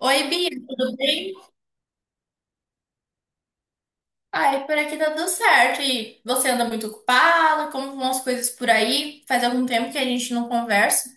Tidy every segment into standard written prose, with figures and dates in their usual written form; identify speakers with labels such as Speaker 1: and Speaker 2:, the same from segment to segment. Speaker 1: Oi, Bia, tudo bem? Ai, por aqui tá tudo certo. E você anda muito ocupada? Como vão as coisas por aí? Faz algum tempo que a gente não conversa.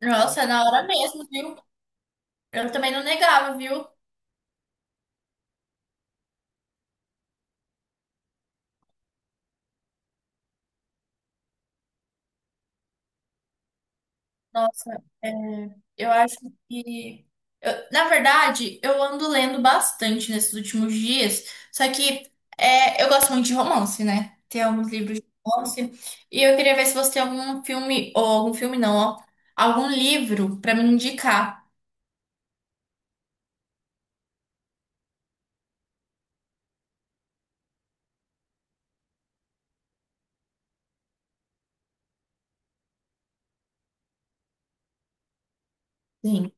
Speaker 1: Nossa, é na hora mesmo, viu? Eu também não negava, viu? Nossa, é, eu acho que. Eu- na verdade, eu ando lendo bastante nesses últimos dias, só que eu gosto muito de romance, né? Tem alguns livros de romance. E eu queria ver se você tem algum filme, ou algum filme não, ó, algum livro pra me indicar. Sim.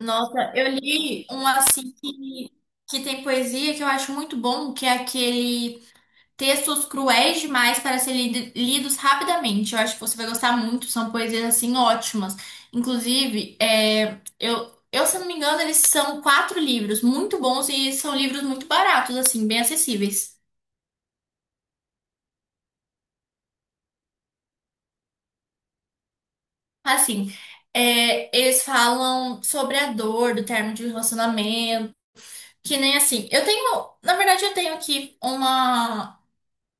Speaker 1: Nossa, eu li um assim que tem poesia que eu acho muito bom, que é aquele textos cruéis demais para serem lidos rapidamente. Eu acho que você vai gostar muito, são poesias assim ótimas. Inclusive, se não me engano, eles são quatro livros muito bons e são livros muito baratos, assim, bem acessíveis. Assim, eles falam sobre a dor do término de um relacionamento, que nem assim. Eu tenho, na verdade, eu tenho aqui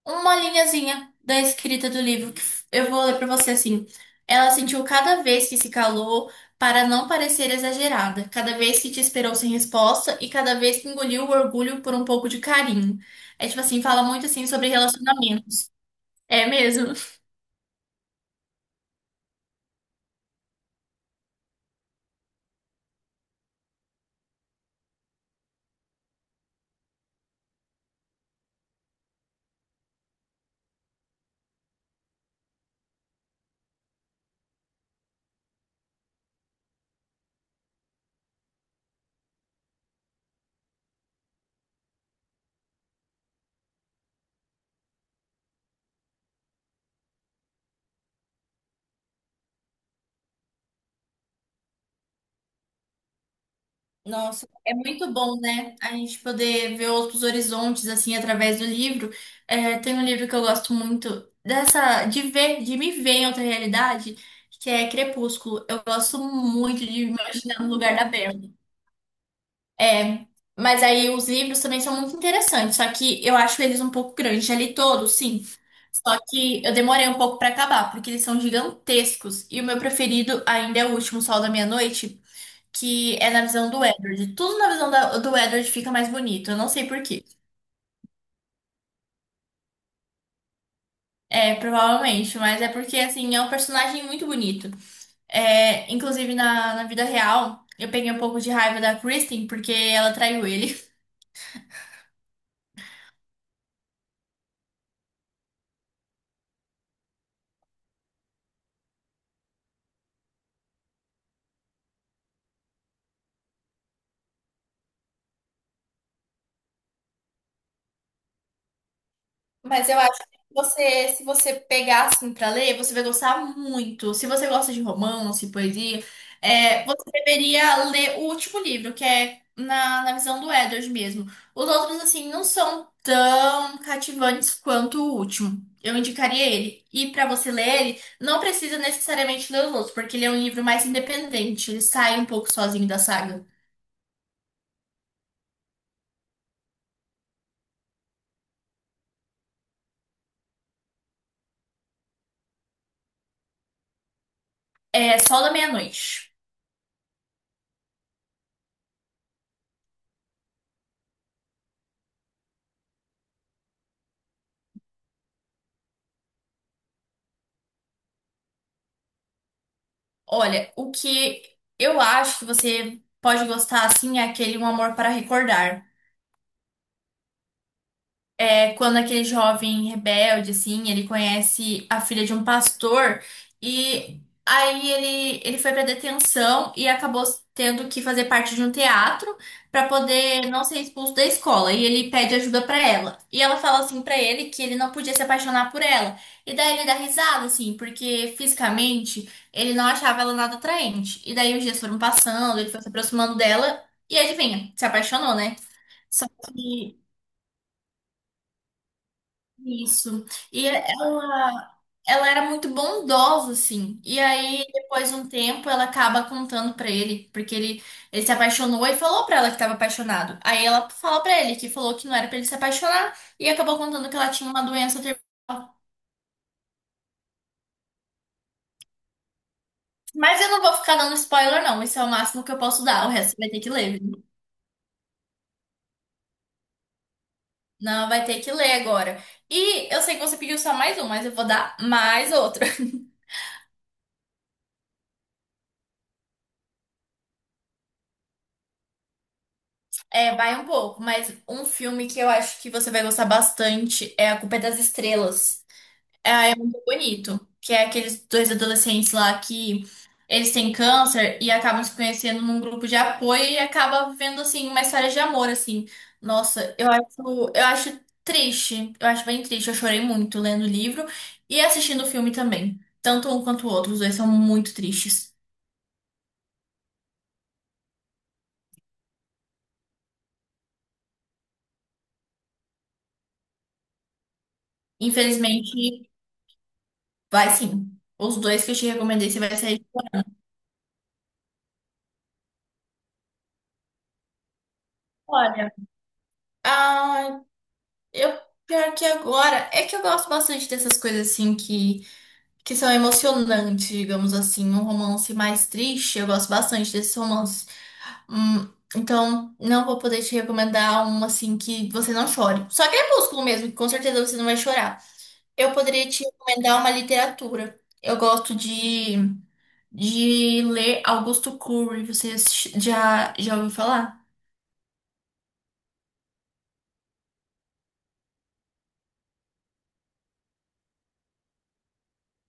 Speaker 1: uma linhazinha da escrita do livro eu vou ler pra você assim. Ela sentiu cada vez que se calou para não parecer exagerada, cada vez que te esperou sem resposta e cada vez que engoliu o orgulho por um pouco de carinho. É tipo assim, fala muito assim sobre relacionamentos. É mesmo? Nossa, é muito bom, né? A gente poder ver outros horizontes, assim, através do livro. É, tem um livro que eu gosto muito dessa, de ver, de me ver em outra realidade, que é Crepúsculo. Eu gosto muito de me imaginar no lugar da Bella. É, mas aí os livros também são muito interessantes, só que eu acho eles um pouco grandes. Já li todos, sim. Só que eu demorei um pouco pra acabar, porque eles são gigantescos. E o meu preferido ainda é o último Sol da Meia-Noite, que é na visão do Edward. Tudo na visão do Edward fica mais bonito. Eu não sei por quê. É, provavelmente, mas é porque, assim, é um personagem muito bonito. É, inclusive, na vida real, eu peguei um pouco de raiva da Kristen porque ela traiu ele. Mas eu acho que você, se você pegar assim pra ler, você vai gostar muito. Se você gosta de romance, poesia, é, você deveria ler o último livro, que é na visão do Edward mesmo. Os outros, assim, não são tão cativantes quanto o último. Eu indicaria ele. E pra você ler ele, não precisa necessariamente ler os outros, porque ele é um livro mais independente. Ele sai um pouco sozinho da saga. É só da meia-noite. Olha, o que eu acho que você pode gostar assim é aquele Um Amor para Recordar. É quando aquele jovem rebelde, assim, ele conhece a filha de um pastor e aí ele foi pra detenção e acabou tendo que fazer parte de um teatro pra poder não ser expulso da escola. E ele pede ajuda pra ela. E ela fala assim pra ele que ele não podia se apaixonar por ela. E daí ele dá risada, assim, porque fisicamente ele não achava ela nada atraente. E daí os dias foram passando, ele foi se aproximando dela e adivinha, se apaixonou, né? Só que isso. E ela era muito bondosa, assim. E aí, depois de um tempo, ela acaba contando pra ele, ele se apaixonou e falou pra ela que tava apaixonado. Aí ela fala pra ele que falou que não era pra ele se apaixonar e acabou contando que ela tinha uma doença terminal. Mas eu não vou ficar dando spoiler, não. Esse é o máximo que eu posso dar. O resto você vai ter que ler, viu? Não, vai ter que ler agora. E eu sei que você pediu só mais um, mas eu vou dar mais outro. É, vai um pouco, mas um filme que eu acho que você vai gostar bastante é A Culpa é das Estrelas. É, é muito bonito, que é aqueles dois adolescentes lá que eles têm câncer e acabam se conhecendo num grupo de apoio e acaba vivendo assim uma história de amor assim. Nossa, eu acho triste, eu acho bem triste. Eu chorei muito lendo o livro e assistindo o filme também. Tanto um quanto o outro, os dois são muito tristes. Infelizmente, vai sim. Os dois que eu te recomendei, você vai sair fora. Ah, eu pior que agora. É que eu gosto bastante dessas coisas assim que são emocionantes, digamos assim. Um romance mais triste, eu gosto bastante desses romances. Então, não vou poder te recomendar um assim que você não chore. Só Crepúsculo mesmo, que com certeza você não vai chorar. Eu poderia te recomendar uma literatura. Eu gosto de ler Augusto Cury. Você já ouviu falar?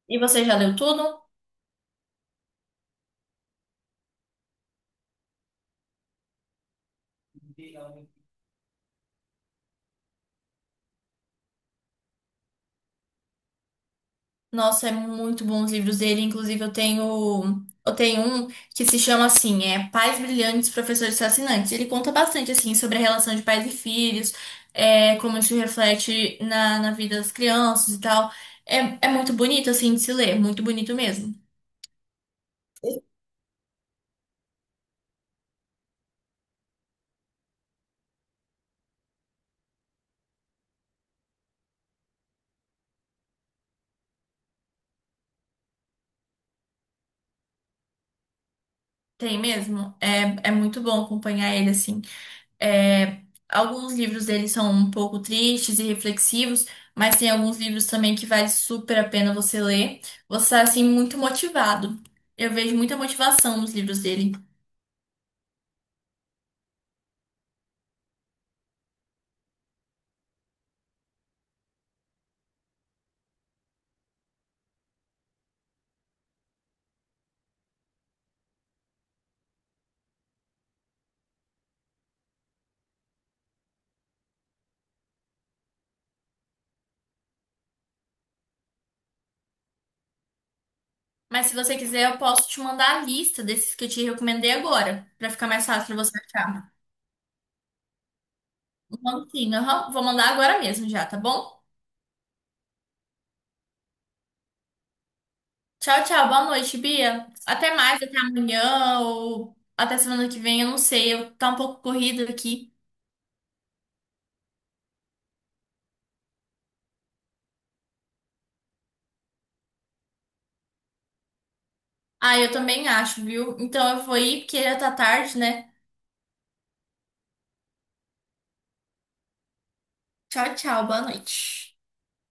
Speaker 1: E você já leu tudo? Nossa, é muito bom os livros dele. Inclusive, eu tenho um que se chama assim, é Pais Brilhantes, Professores Fascinantes. Ele conta bastante assim sobre a relação de pais e filhos, é, como isso reflete na vida das crianças e tal. É, é muito bonito assim de se ler, muito bonito mesmo. Tem mesmo. É, é muito bom acompanhar ele assim. É, alguns livros dele são um pouco tristes e reflexivos, mas tem alguns livros também que vale super a pena você ler. Você está assim muito motivado. Eu vejo muita motivação nos livros dele. Mas se você quiser, eu posso te mandar a lista desses que eu te recomendei agora, para ficar mais fácil para você achar. Mando sim, aham. Vou mandar agora mesmo já, tá bom? Tchau, tchau. Boa noite, Bia. Até mais, até amanhã ou até semana que vem, eu não sei. Eu tá um pouco corrido aqui. Ah, eu também acho, viu? Então eu vou ir porque já tá tarde, né? Tchau, tchau, boa noite.